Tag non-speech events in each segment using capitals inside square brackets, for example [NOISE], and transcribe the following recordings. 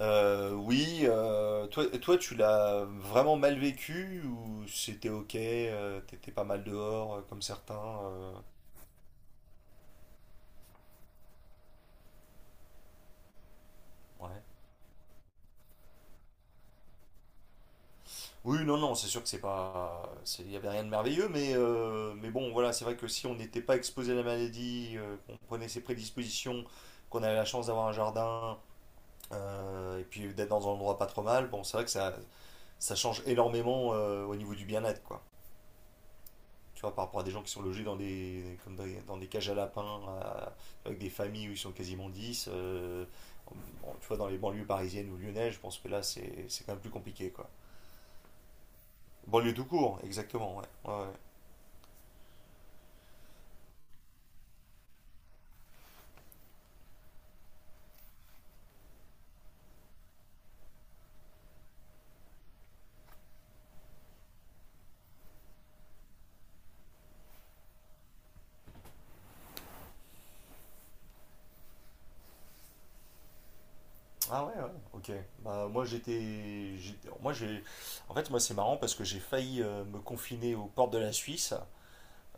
Oui, toi, tu l'as vraiment mal vécu ou c'était ok, t'étais pas mal dehors comme certains euh, ouais. Oui, non, non, c'est sûr que c'est pas, il y avait rien de merveilleux, mais mais bon, voilà, c'est vrai que si on n'était pas exposé à la maladie, qu'on prenait ses prédispositions, qu'on avait la chance d'avoir un jardin et puis d'être dans un endroit pas trop mal, bon, c'est vrai que ça change énormément au niveau du bien-être, quoi. Tu vois, par rapport à des gens qui sont logés dans des, comme dans des cages à lapins, avec des familles où ils sont quasiment 10 bon, tu vois, dans les banlieues parisiennes ou lyonnaises, je pense que là, c'est quand même plus compliqué, quoi. Banlieue tout court, exactement, ouais. Ouais, ouais. Ah ouais, ouais, ok. Bah, moi, j'étais. Moi, j'ai. En fait, moi, c'est marrant parce que j'ai failli me confiner aux portes de la Suisse.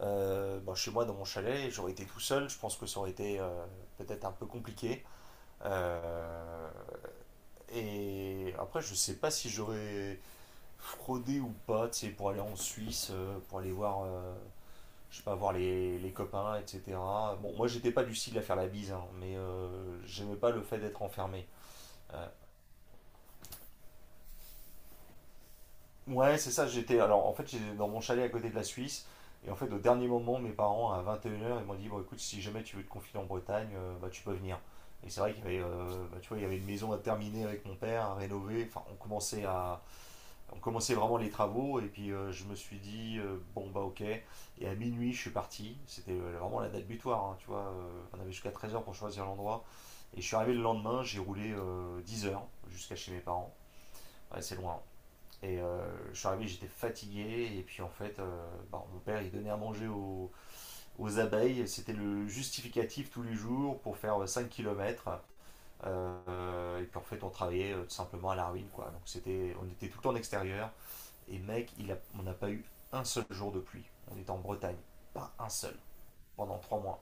Bon, chez moi, dans mon chalet, j'aurais été tout seul. Je pense que ça aurait été peut-être un peu compliqué. Euh, Et après, je sais pas si j'aurais fraudé ou pas, tu sais, pour aller en Suisse, pour aller voir, je sais pas, voir les copains, etc. Bon, moi, j'étais pas du style à faire la bise, hein, mais j'aimais pas le fait d'être enfermé. Euh, Ouais, c'est ça, j'étais. Alors, en fait, j'étais dans mon chalet à côté de la Suisse. Et en fait, au dernier moment, mes parents, à 21 heures, ils m'ont dit: «Bon, écoute, si jamais tu veux te confier en Bretagne, bah, tu peux venir.» Et c'est vrai qu'il y avait, bah, tu vois, il y avait une maison à terminer avec mon père, à rénover. Enfin, on commençait à. On commençait vraiment les travaux. Et puis, je me suis dit bon, bah, ok. Et à minuit, je suis parti. C'était vraiment la date butoir, hein, tu vois. On avait jusqu'à 13 heures pour choisir l'endroit. Et je suis arrivé le lendemain, j'ai roulé 10 heures jusqu'à chez mes parents. Ouais, c'est loin. Et je suis arrivé, j'étais fatigué. Et puis en fait, bah, mon père, il donnait à manger aux abeilles. C'était le justificatif tous les jours pour faire 5 kilomètres km. Et puis en fait, on travaillait tout simplement à la ruine, quoi. Donc on était tout le temps en extérieur. Et mec, on n'a pas eu un seul jour de pluie. On était en Bretagne. Pas un seul. Pendant 3 mois.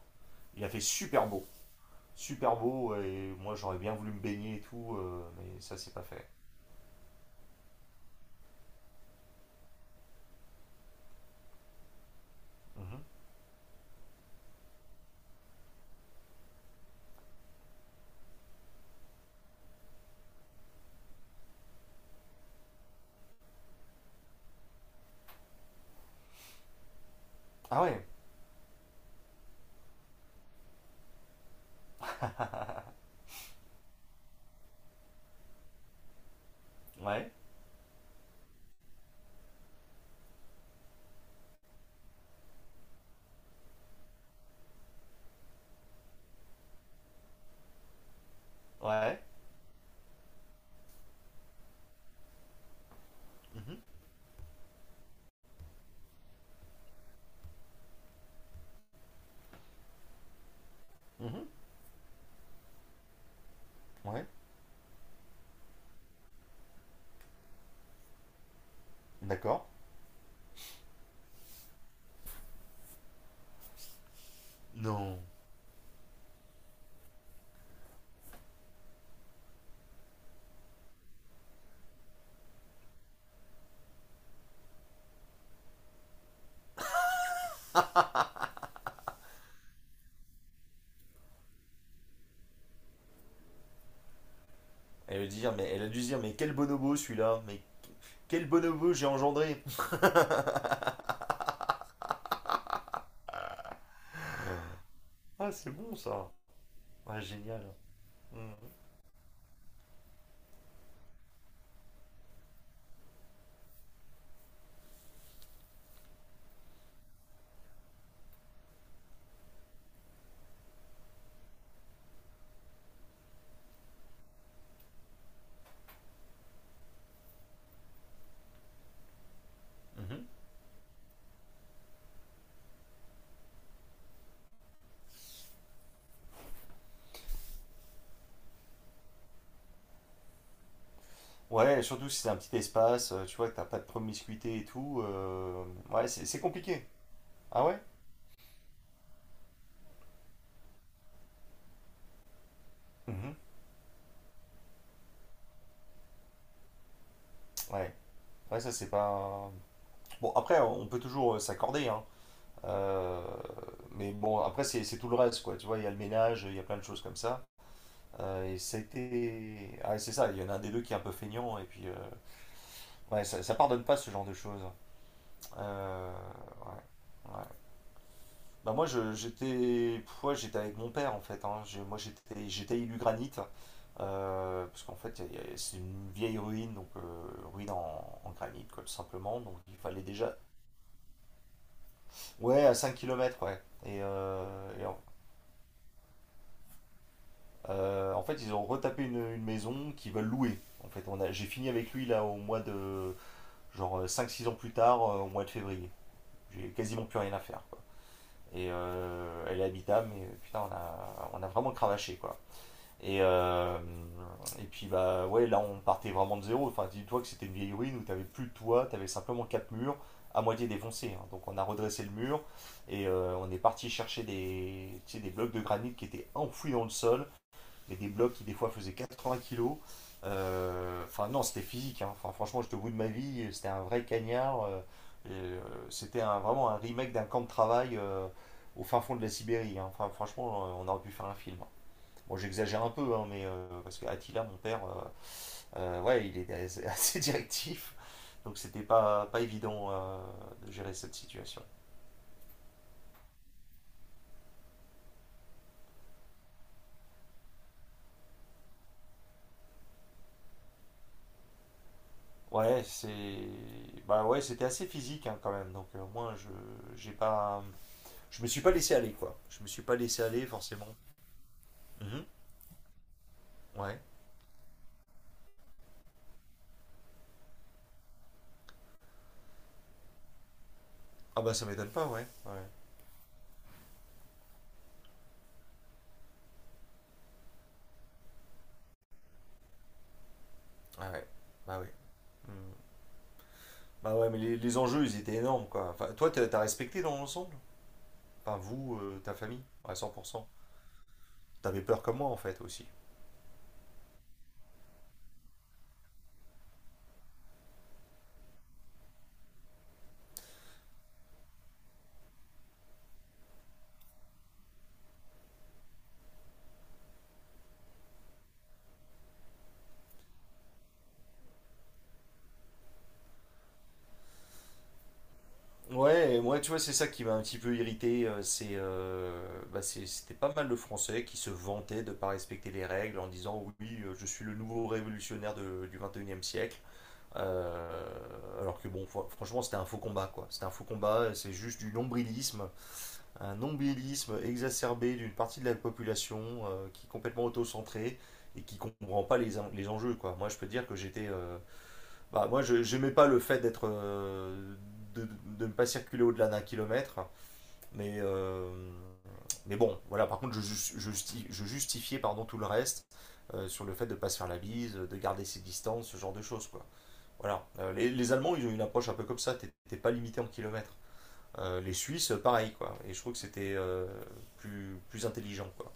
Il a fait super beau. Super beau. Et moi, j'aurais bien voulu me baigner et tout, mais ça, c'est pas fait. Mhm. Ah ouais. Ouais. Ouais. Mhm. Mhm. Ouais, d'accord. Non. Elle veut dire, mais elle a dû se dire, mais quel bonobo celui-là, mais quel bonobo j'ai engendré. [LAUGHS] Ah, c'est bon ça. Ouais, génial. Mhm. Mhm. Ouais, surtout si c'est un petit espace, tu vois, que t'as pas de promiscuité et tout. Ouais, c'est compliqué. Ah ouais? Mhm. Ouais, ouais, ça c'est pas. Bon, après, on peut toujours s'accorder, hein. Euh, Mais bon, après, c'est tout le reste, quoi. Tu vois, il y a le ménage, il y a plein de choses comme ça. Et ça a été. Ah, c'est ça, il y en a un des deux qui est un peu feignant, et puis ouais, ça pardonne pas ce genre de choses. Euh, ouais, ouais. Bah moi, j'étais, pff, ouais, j'étais avec mon père en fait, hein. Moi, j'étais élu granit parce qu'en fait, c'est une vieille ruine, donc ruine en granit, quoi, tout simplement. Donc il fallait déjà, ouais, à 5 kilomètres, ouais. Et en fait, ils ont retapé une maison qu'ils veulent louer. En fait, j'ai fini avec lui là au mois de, genre cinq six ans plus tard, au mois de février. J'ai quasiment plus rien à faire. Et elle est habitable, mais putain, on a vraiment cravaché, quoi. Et, euh, et puis, bah ouais, là, on partait vraiment de zéro. Enfin, dis-toi que c'était une vieille ruine où t'avais plus de toit, t'avais simplement quatre murs à moitié défoncés, hein. Donc, on a redressé le mur et on est parti chercher des, tu sais, des blocs de granit qui étaient enfouis dans le sol, mais des blocs qui des fois faisaient 80 kilos. Enfin, non, c'était physique, hein. Enfin, franchement, j'étais au bout de ma vie. C'était un vrai cagnard. C'était vraiment un remake d'un camp de travail au fin fond de la Sibérie, hein. Enfin, franchement, on aurait pu faire un film. Bon, j'exagère un peu, hein, mais parce que Attila, mon père, ouais, il est assez, [LAUGHS] directif. Donc, c'était pas évident de gérer cette situation. Ouais, c'est, bah ouais, c'était assez physique, hein, quand même. Donc, au moins, j'ai pas. Je me suis pas laissé aller, quoi. Je me suis pas laissé aller, forcément. Mhm. Ouais. Ah bah ça m'étonne pas, ouais. Ouais. Ah ouais. Bah oui. Mhm. Bah ouais, mais les enjeux, ils étaient énormes, quoi. Enfin, toi, t'as respecté dans l'ensemble? Enfin, vous, ta famille, à 100%. T'avais peur comme moi, en fait, aussi. Ouais, et moi, tu vois, c'est ça qui m'a un petit peu irrité. Bah, c'était pas mal de Français qui se vantaient de pas respecter les règles en disant, oui, je suis le nouveau révolutionnaire du 21e siècle. Alors que bon, franchement, c'était un faux combat, quoi. C'était un faux combat, c'est juste du nombrilisme, un nombrilisme exacerbé d'une partie de la population qui est complètement autocentrée et qui comprend pas les enjeux, quoi. Moi, je peux dire que j'étais, bah, moi, je j'aimais pas le fait d'être, de, de, ne pas circuler au-delà d'un kilomètre, mais mais bon, voilà. Par contre, je justifiais, pardon, tout le reste sur le fait de pas se faire la bise, de garder ses distances, ce genre de choses, quoi. Voilà. Les Allemands, ils ont une approche un peu comme ça. T'es pas limité en kilomètres. Les Suisses, pareil, quoi. Et je trouve que c'était plus intelligent, quoi.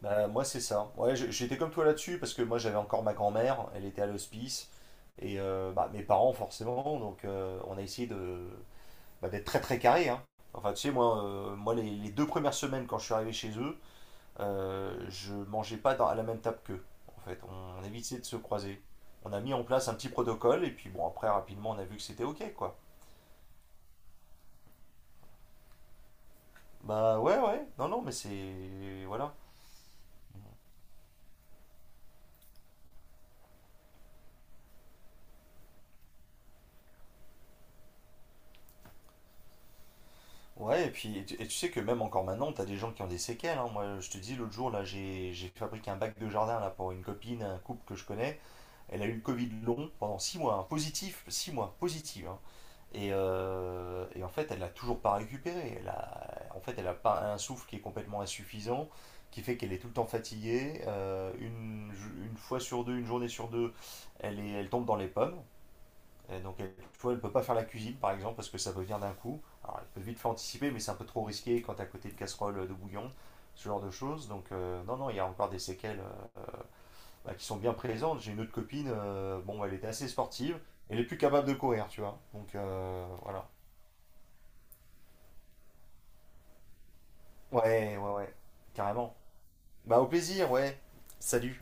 Bah, moi, c'est ça. Ouais, j'étais comme toi là-dessus, parce que moi, j'avais encore ma grand-mère, elle était à l'hospice, et bah, mes parents, forcément, donc on a essayé de, bah, d'être très très carré, hein. Enfin, tu sais, moi les deux premières semaines, quand je suis arrivé chez eux, je mangeais pas à la même table qu'eux. En fait, on a évité de se croiser. On a mis en place un petit protocole et puis bon après rapidement on a vu que c'était ok, quoi. Bah ouais, ouais, non, non, mais c'est voilà. Ouais, et puis et tu sais que même encore maintenant t'as des gens qui ont des séquelles, hein. Moi je te dis l'autre jour là j'ai fabriqué un bac de jardin là pour une copine, un couple que je connais. Elle a eu le Covid long pendant 6 mois, hein. Positif, 6 mois, positif, hein. Et en fait, elle l'a toujours pas récupéré. En fait, elle a pas un souffle qui est complètement insuffisant, qui fait qu'elle est tout le temps fatiguée. Une fois sur deux, une journée sur deux, elle tombe dans les pommes. Et donc, elle, tu vois, elle ne peut pas faire la cuisine, par exemple, parce que ça peut venir d'un coup. Alors, elle peut vite faire anticiper, mais c'est un peu trop risqué quand t'es à côté de casserole de bouillon, ce genre de choses. Donc, non, non, il y a encore des séquelles bah, qui sont bien présentes. J'ai une autre copine, bon, elle était assez sportive, elle est plus capable de courir, tu vois. Donc, voilà. Ouais, ouais, ouais. Carrément. Bah, au plaisir, ouais. Salut.